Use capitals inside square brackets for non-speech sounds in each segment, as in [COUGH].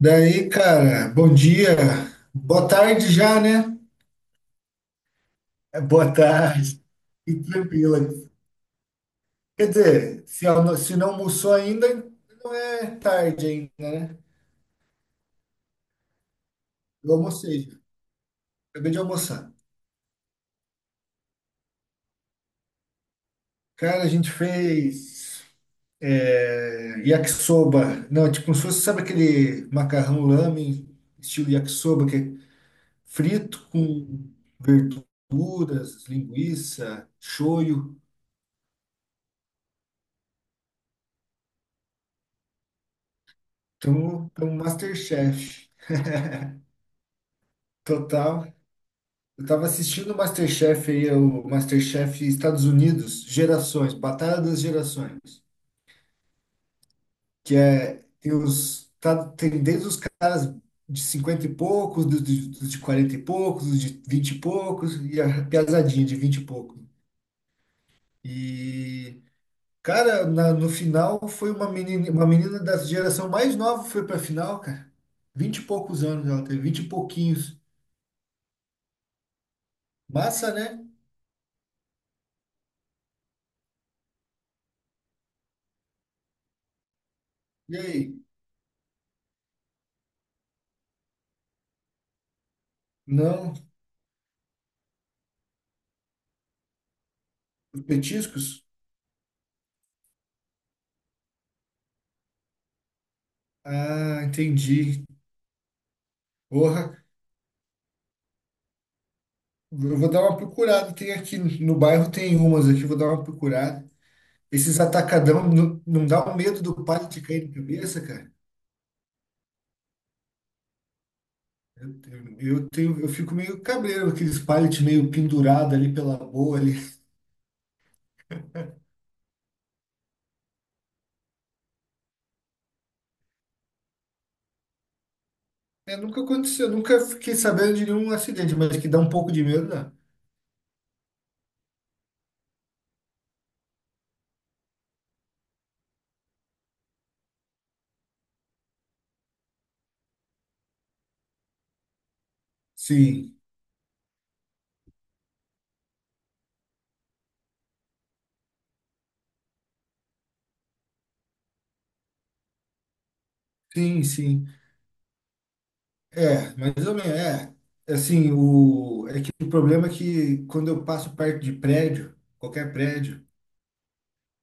Daí, cara, bom dia. Boa tarde já, né? É, boa tarde. E tranquila. Quer dizer, se não almoçou ainda, não é tarde ainda, né? Eu almocei já. Acabei de almoçar. Cara, a gente fez yakisoba. Não, é tipo, como se fosse, sabe aquele macarrão lamen, estilo yakisoba, que é frito com verduras, linguiça, shoyu. Então um Masterchef. Total. Eu tava assistindo o MasterChef aí, o MasterChef Estados Unidos, Gerações, Batalha das Gerações, que tem desde os caras de 50 e poucos, dos de 40 e poucos, dos de 20 e poucos e a piazadinha de 20 e poucos. E cara, no final foi uma menina da geração mais nova foi pra final, cara. 20 e poucos anos ela teve, 20 e pouquinhos. Massa, né? E aí? Não, os petiscos. Ah, entendi. Porra, eu vou dar uma procurada. Tem aqui no bairro, tem umas aqui, vou dar uma procurada. Esses atacadão não dá o medo do pallet cair na cabeça, cara? Eu fico meio cabreiro, aqueles pallet meio pendurado ali pela boa ali. É, nunca aconteceu, nunca fiquei sabendo de nenhum acidente, mas que dá um pouco de medo, dá. Sim, sim, sim. É, mais ou menos, é. Assim, é que o problema é que quando eu passo perto de prédio, qualquer prédio,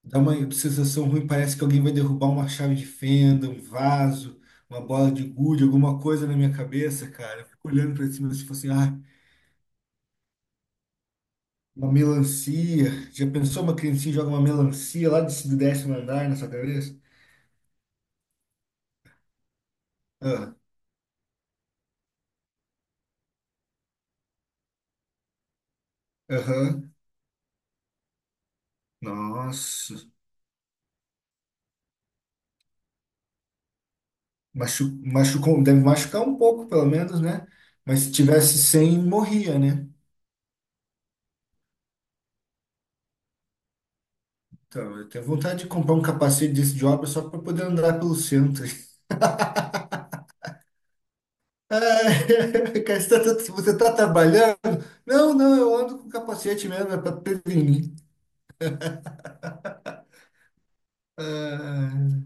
dá uma sensação ruim, parece que alguém vai derrubar uma chave de fenda, um vaso, uma bola de gude, alguma coisa na minha cabeça, cara. Eu fico olhando pra cima se fosse, uma melancia. Já pensou uma criancinha joga uma melancia lá do décimo andar na sua cabeça? Ah. Aham. Nossa. Machucou, deve machucar um pouco, pelo menos, né? Mas se tivesse sem, morria, né? Então, eu tenho vontade de comprar um capacete desse de obra só para poder andar pelo centro. É, [LAUGHS] cara, você tá trabalhando? Não, não, eu ando com capacete mesmo, é para prevenir. Ah,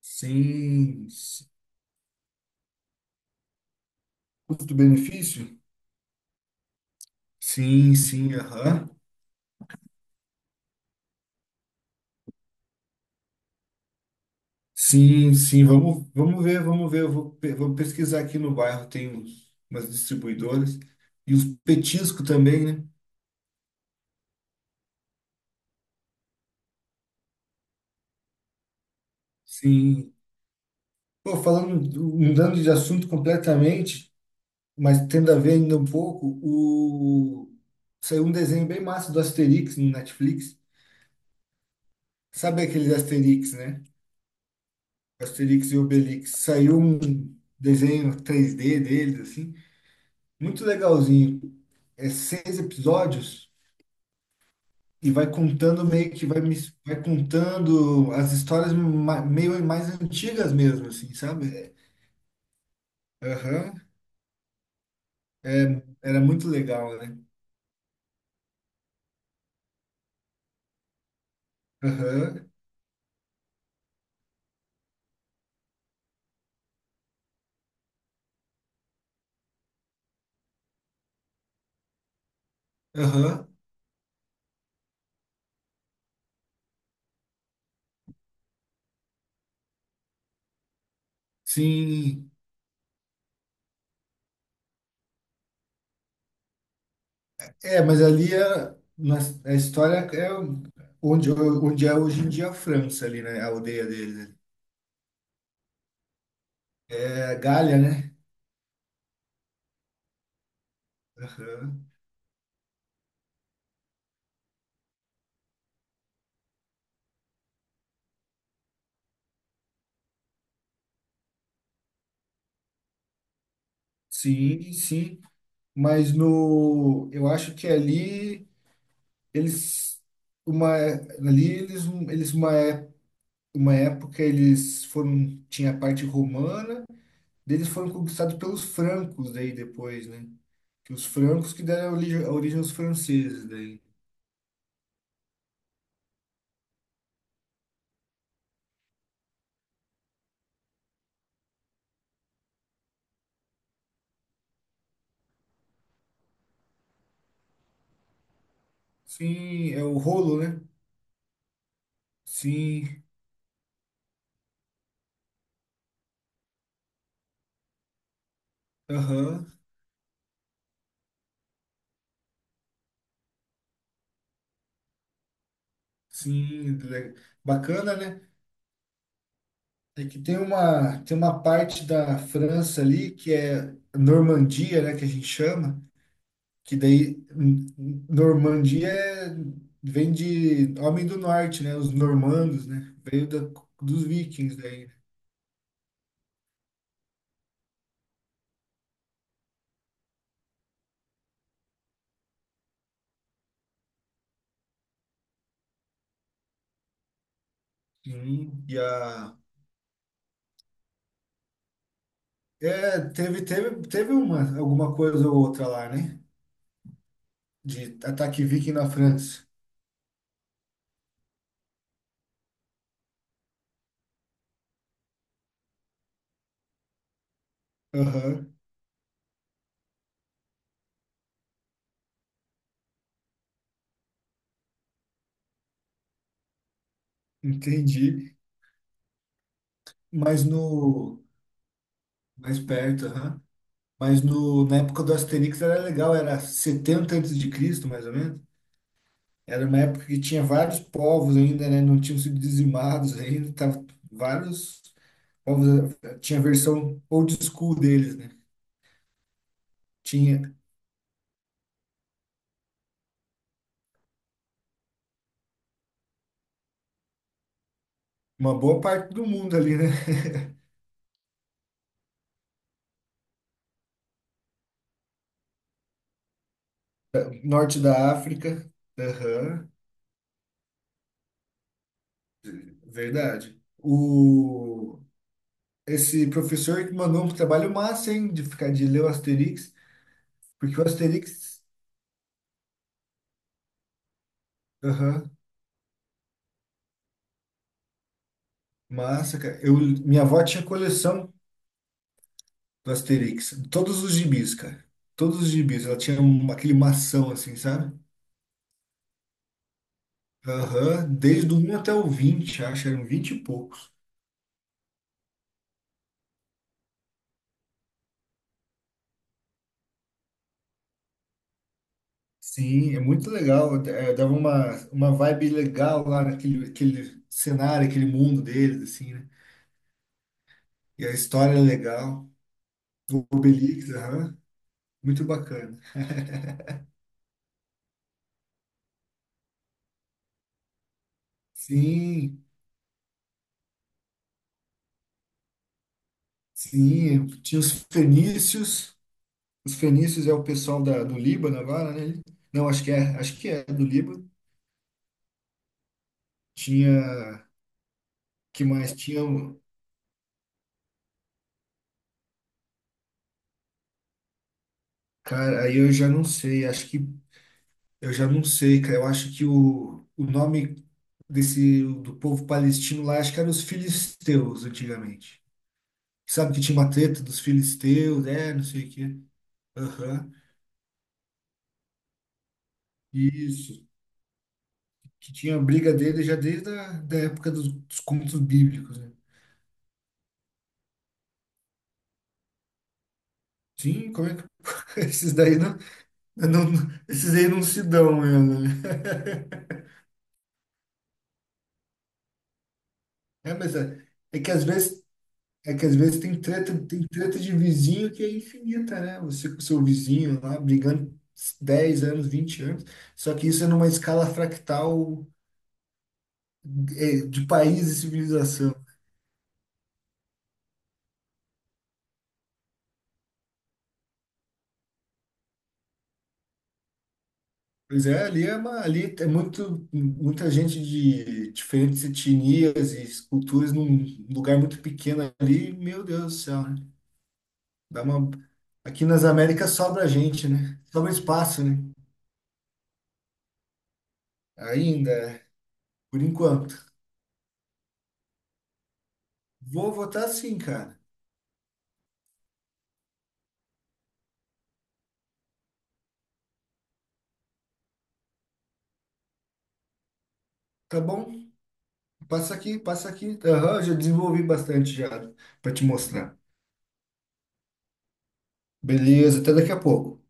sim, sim. Custo-benefício? Sim, sim, aham. Sim, sim, vamos, vamos ver, vamos ver. Eu vou pesquisar aqui no bairro, tem umas distribuidoras. E os petiscos também, né? Sim. Pô, falando, mudando de assunto completamente, mas tendo a ver ainda um pouco, saiu um desenho bem massa do Asterix no Netflix. Sabe aquele Asterix, né? Asterix e Obelix. Saiu um desenho 3D deles, assim, muito legalzinho. É seis episódios e vai contando meio que vai contando as histórias meio mais antigas mesmo, assim, sabe? É. Aham. Era muito legal, né? Aham, aham. Sim. É, mas ali é, na, a história é onde, onde é hoje em dia a França ali, né? A aldeia deles. É Galha, né? Aham. Sim, sim. Mas no, eu acho que ali eles uma ali eles eles uma é- uma época eles foram tinha a parte romana, daí eles foram conquistados pelos francos daí depois, né? Que os francos que deram a origem aos franceses daí. Sim, é o rolo, né? Sim, aham, sim, bacana, né? É que tem uma parte da França ali que é Normandia, né, que a gente chama, que daí vem de homem do norte, né, os normandos, né, veio dos vikings daí. Sim, e teve alguma coisa ou outra lá, né, de ataque viking na França. Aham, entendi. Mas no mais perto, aham. Mas no, na época do Asterix era legal, era 70 antes de Cristo, mais ou menos. Era uma época que tinha vários povos ainda, né? Não tinham sido dizimados ainda, tava vários povos, tinha a versão old school deles, né? Tinha uma boa parte do mundo ali, né? [LAUGHS] Norte da África, aham, verdade. Esse professor que mandou um trabalho massa, hein, de ficar de ler o Asterix, porque o Asterix, massa, cara. Minha avó tinha coleção do Asterix. Todos os gibis, cara. Todos os gibis. Ela tinha aquele mação, assim, sabe? Aham. Desde o um até o 20 acho. Eram 20 e poucos. Sim, é muito legal. É, dava uma vibe legal lá naquele aquele cenário, aquele mundo deles, assim, né? E a história é legal. O Obelix, aham. Muito bacana. Sim, sim. Tinha os fenícios. Os fenícios é o pessoal do Líbano agora, né? Não, acho que é do Líbano. Tinha, que mais? Tinha, cara, aí eu já não sei, acho que eu já não sei, cara. Eu acho que o nome desse do povo palestino lá, acho que era os filisteus antigamente. Sabe que tinha uma treta dos filisteus, né? Não sei o quê. Aham. Isso. Que tinha a briga dele já desde a da época dos contos bíblicos, né? Sim, como é que [LAUGHS] esses daí não. Não, esses aí não se dão mesmo, né? [LAUGHS] É, mas é que às vezes, é que às vezes tem treta de vizinho que é infinita, né? Você com o seu vizinho lá brigando 10 anos, 20 anos, só que isso é numa escala fractal de país e civilização. Pois é, ali é uma, ali é muito, muita gente de diferentes etnias e culturas num lugar muito pequeno ali, meu Deus do céu, né? Dá uma... Aqui nas Américas sobra gente, né? Sobra espaço, né? Ainda, é. Por enquanto. Vou votar sim, cara. Tá bom? Passa aqui, passa aqui. Aham, já desenvolvi bastante já para te mostrar. Beleza, até daqui a pouco.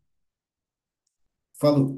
Falou.